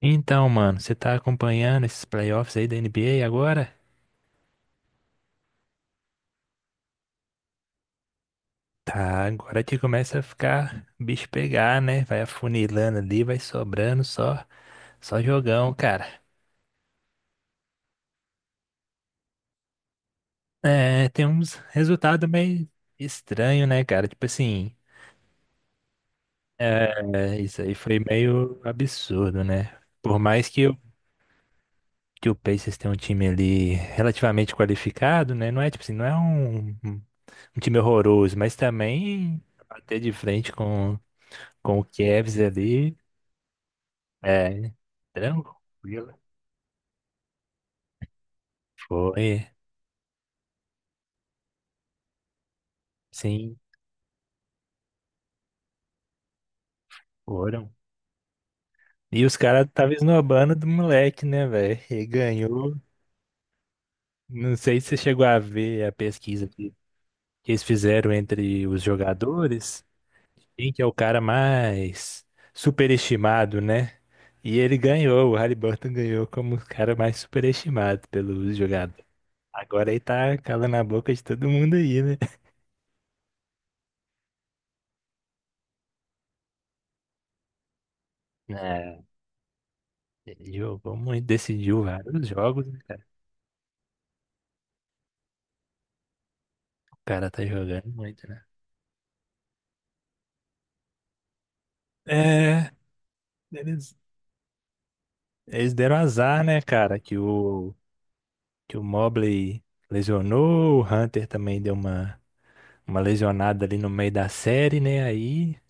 Então, mano, você tá acompanhando esses playoffs aí da NBA agora? Tá, agora que começa a ficar o bicho pegar, né? Vai afunilando ali, vai sobrando só jogão, cara. É, tem uns resultados meio estranho, né, cara? Tipo assim, é, isso aí foi meio absurdo, né? Por mais que o Pacers tenha um time ali relativamente qualificado, né? Não é tipo assim, não é um, um time horroroso, mas também bater de frente com o Kevs ali. É, tranquilo. Foi, sim, foram. E os caras estavam esnobando do moleque, né, velho? E ganhou. Não sei se você chegou a ver a pesquisa que eles fizeram entre os jogadores. Quem que é o cara mais superestimado, né? E ele ganhou, o Haliburton ganhou como o cara mais superestimado pelos jogadores. Agora ele tá calando a boca de todo mundo aí, né? Ele jogou muito, decidiu vários jogos, né, cara. O cara tá jogando muito, né? É, eles. Eles deram azar, né, cara, que o, Mobley lesionou, o Hunter também deu uma lesionada ali no meio da série, né? Aí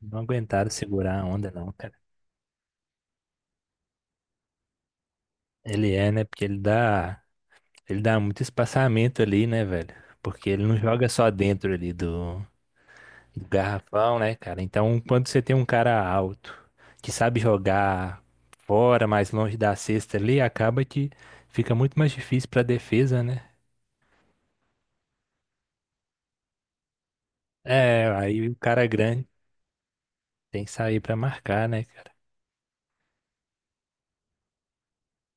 não aguentaram segurar a onda, não, cara. Ele é, né? Porque ele dá, muito espaçamento ali, né, velho? Porque ele não joga só dentro ali do garrafão, né, cara? Então, quando você tem um cara alto que sabe jogar fora, mais longe da cesta ali, acaba que fica muito mais difícil pra defesa, né? É, aí o cara grande tem que sair pra marcar, né, cara?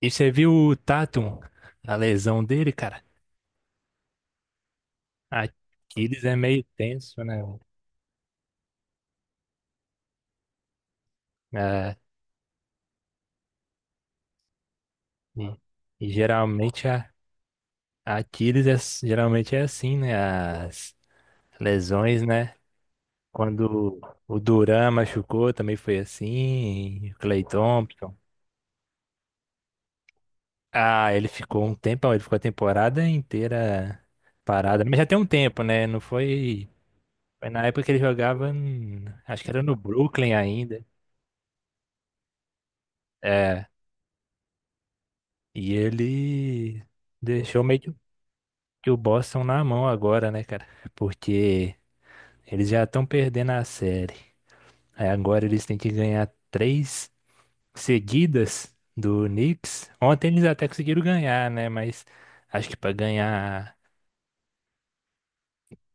E você viu o Tatum, a lesão dele, cara? Aquiles é meio tenso, né? É, e, e geralmente a Aquiles é, geralmente é assim, né? As lesões, né? Quando o Duran machucou, também foi assim. O Clay Thompson. Ah, ele ficou um tempão, ele ficou a temporada inteira parado. Mas já tem um tempo, né? Não foi. Foi na época que ele jogava, acho que era no Brooklyn ainda. É. E ele deixou meio que o Boston na mão agora, né, cara? Porque eles já estão perdendo a série. Aí agora eles têm que ganhar três seguidas do Knicks. Ontem eles até conseguiram ganhar, né? Mas acho que pra ganhar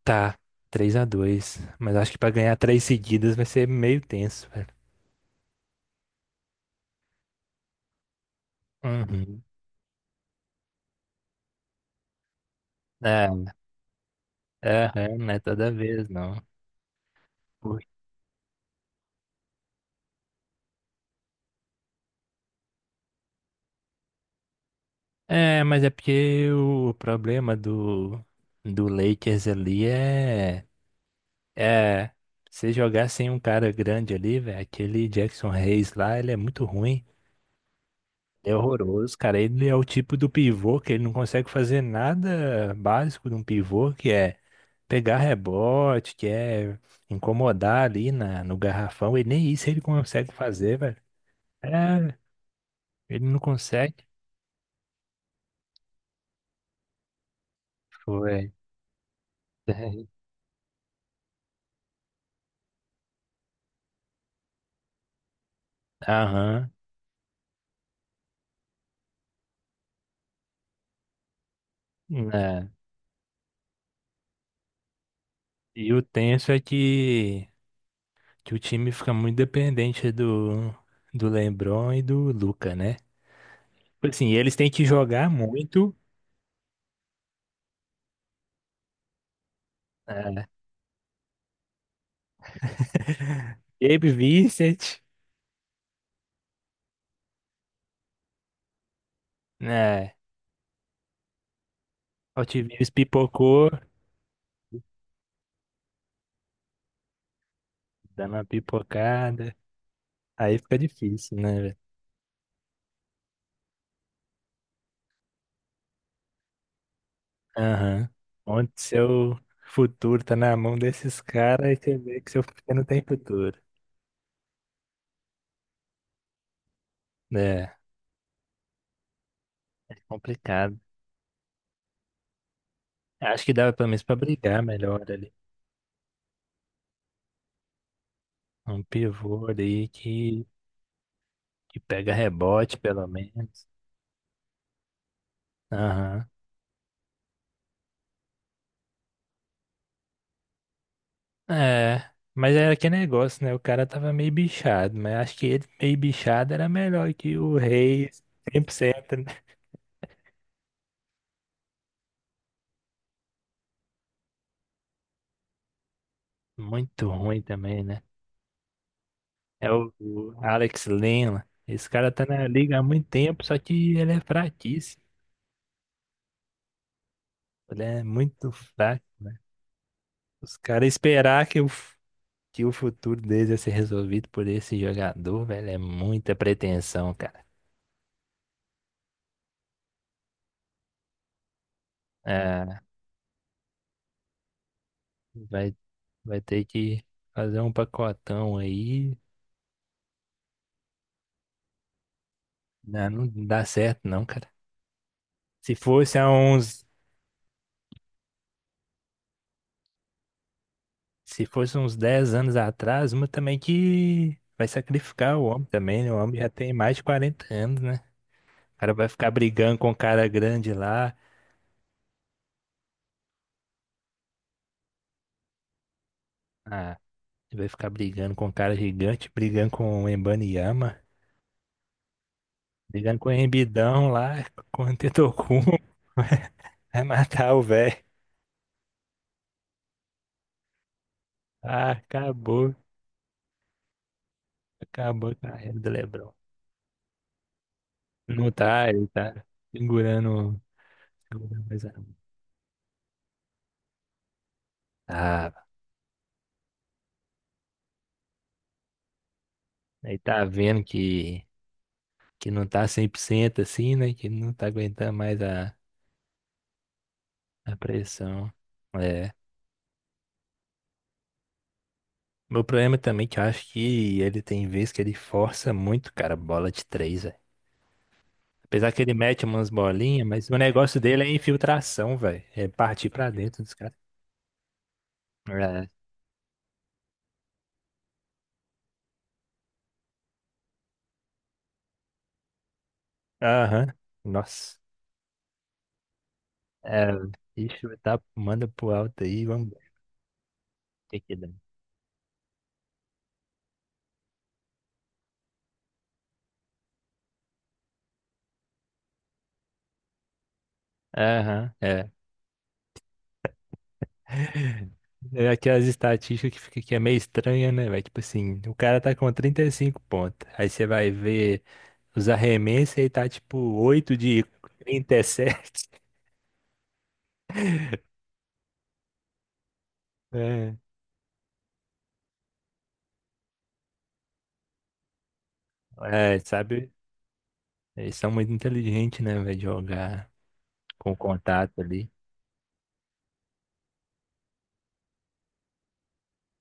tá 3-2, mas acho que pra ganhar três seguidas vai ser meio tenso, velho. Uhum. É, é, é, não é toda vez, não. Por- É, mas é porque o problema do Lakers ali é você jogar sem um cara grande ali, velho, aquele Jackson Hayes lá, ele é muito ruim. É horroroso, cara. Ele é o tipo do pivô que ele não consegue fazer nada básico de um pivô, que é pegar rebote, que é incomodar ali no garrafão. E nem isso ele consegue fazer, velho. É, ele não consegue. Foi. Aham. Né. E o tenso é que o time fica muito dependente do LeBron e do Luca, né? Tipo assim, eles têm que jogar muito. Né? Gabe Vincent, né? Hot Wheels pipocou, dando uma pipocada. Aí fica difícil, né, velho? Aham. Onde seu futuro tá na mão desses caras e você vê que seu futuro não tem futuro. É, complicado. Acho que dava pelo menos pra brigar melhor ali. Um pivô ali que pega rebote, pelo menos. Aham. É. Mas era que negócio, né? O cara tava meio bichado, mas acho que ele meio bichado era melhor que o Reis 100%. Né? Muito ruim também, né? É o, Alex Lema. Esse cara tá na liga há muito tempo, só que ele é fraquíssimo. Ele é muito fraco. Os caras esperar que o, que o futuro deles ia ser resolvido por esse jogador, velho, é muita pretensão, cara. É, vai, vai ter que fazer um pacotão aí. Não, não dá certo, não, cara. Se fosse há uns, se fosse uns 10 anos atrás, uma também que vai sacrificar o homem também, né? O homem já tem mais de 40 anos, né? O cara vai ficar brigando com o cara grande lá. Ah, ele vai ficar brigando com o cara gigante, brigando com o Embanyama, brigando com o Embidão lá, com o Antetokounmpo. Vai matar o velho. Ah, acabou. Acabou a carreira do LeBron. Não tá, ele tá segurando, segurando mais mão. Ah, ele tá vendo que não tá 100% assim, né? Que não tá aguentando mais a pressão. É. Meu problema também é que eu acho que ele tem vezes que ele força muito, cara, bola de três, velho. Apesar que ele mete umas bolinhas, mas o negócio dele é infiltração, velho. É partir pra dentro dos caras. É. Aham. Nossa. É. Ixi, tá, manda pro alto aí, vamos ver o que que dá. Aham, é. É aquelas estatísticas que fica que é meio estranha, né, velho? Tipo assim, o cara tá com 35 pontos. Aí você vai ver os arremessos e tá tipo oito de 37. É, sabe? Eles são muito inteligentes, né, velho? Jogar com contato ali.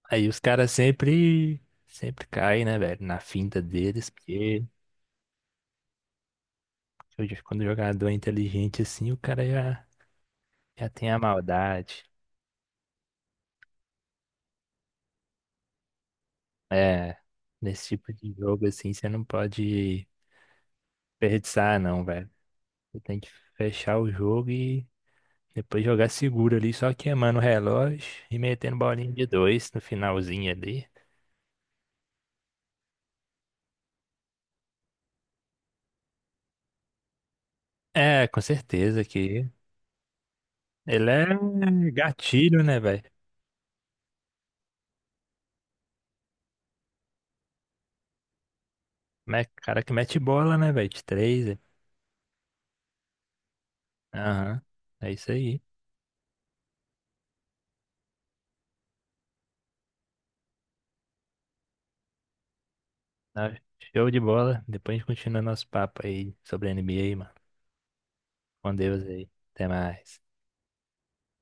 Aí os caras sempre, sempre caem, né, velho? Na finta deles, porque hoje quando o jogador é inteligente assim, o cara já, tem a maldade. É, nesse tipo de jogo assim, você não pode desperdiçar, não, velho. Você tem que fechar o jogo e depois jogar seguro ali, só queimando o relógio e metendo bolinha de dois no finalzinho ali. É, com certeza que. Ele é gatilho, né, velho? Cara que mete bola, né, velho? De três, velho. Aham. É isso aí. Ah, show de bola. Depois a gente continua nosso papo aí sobre NBA, mano. Com Deus aí. Até mais.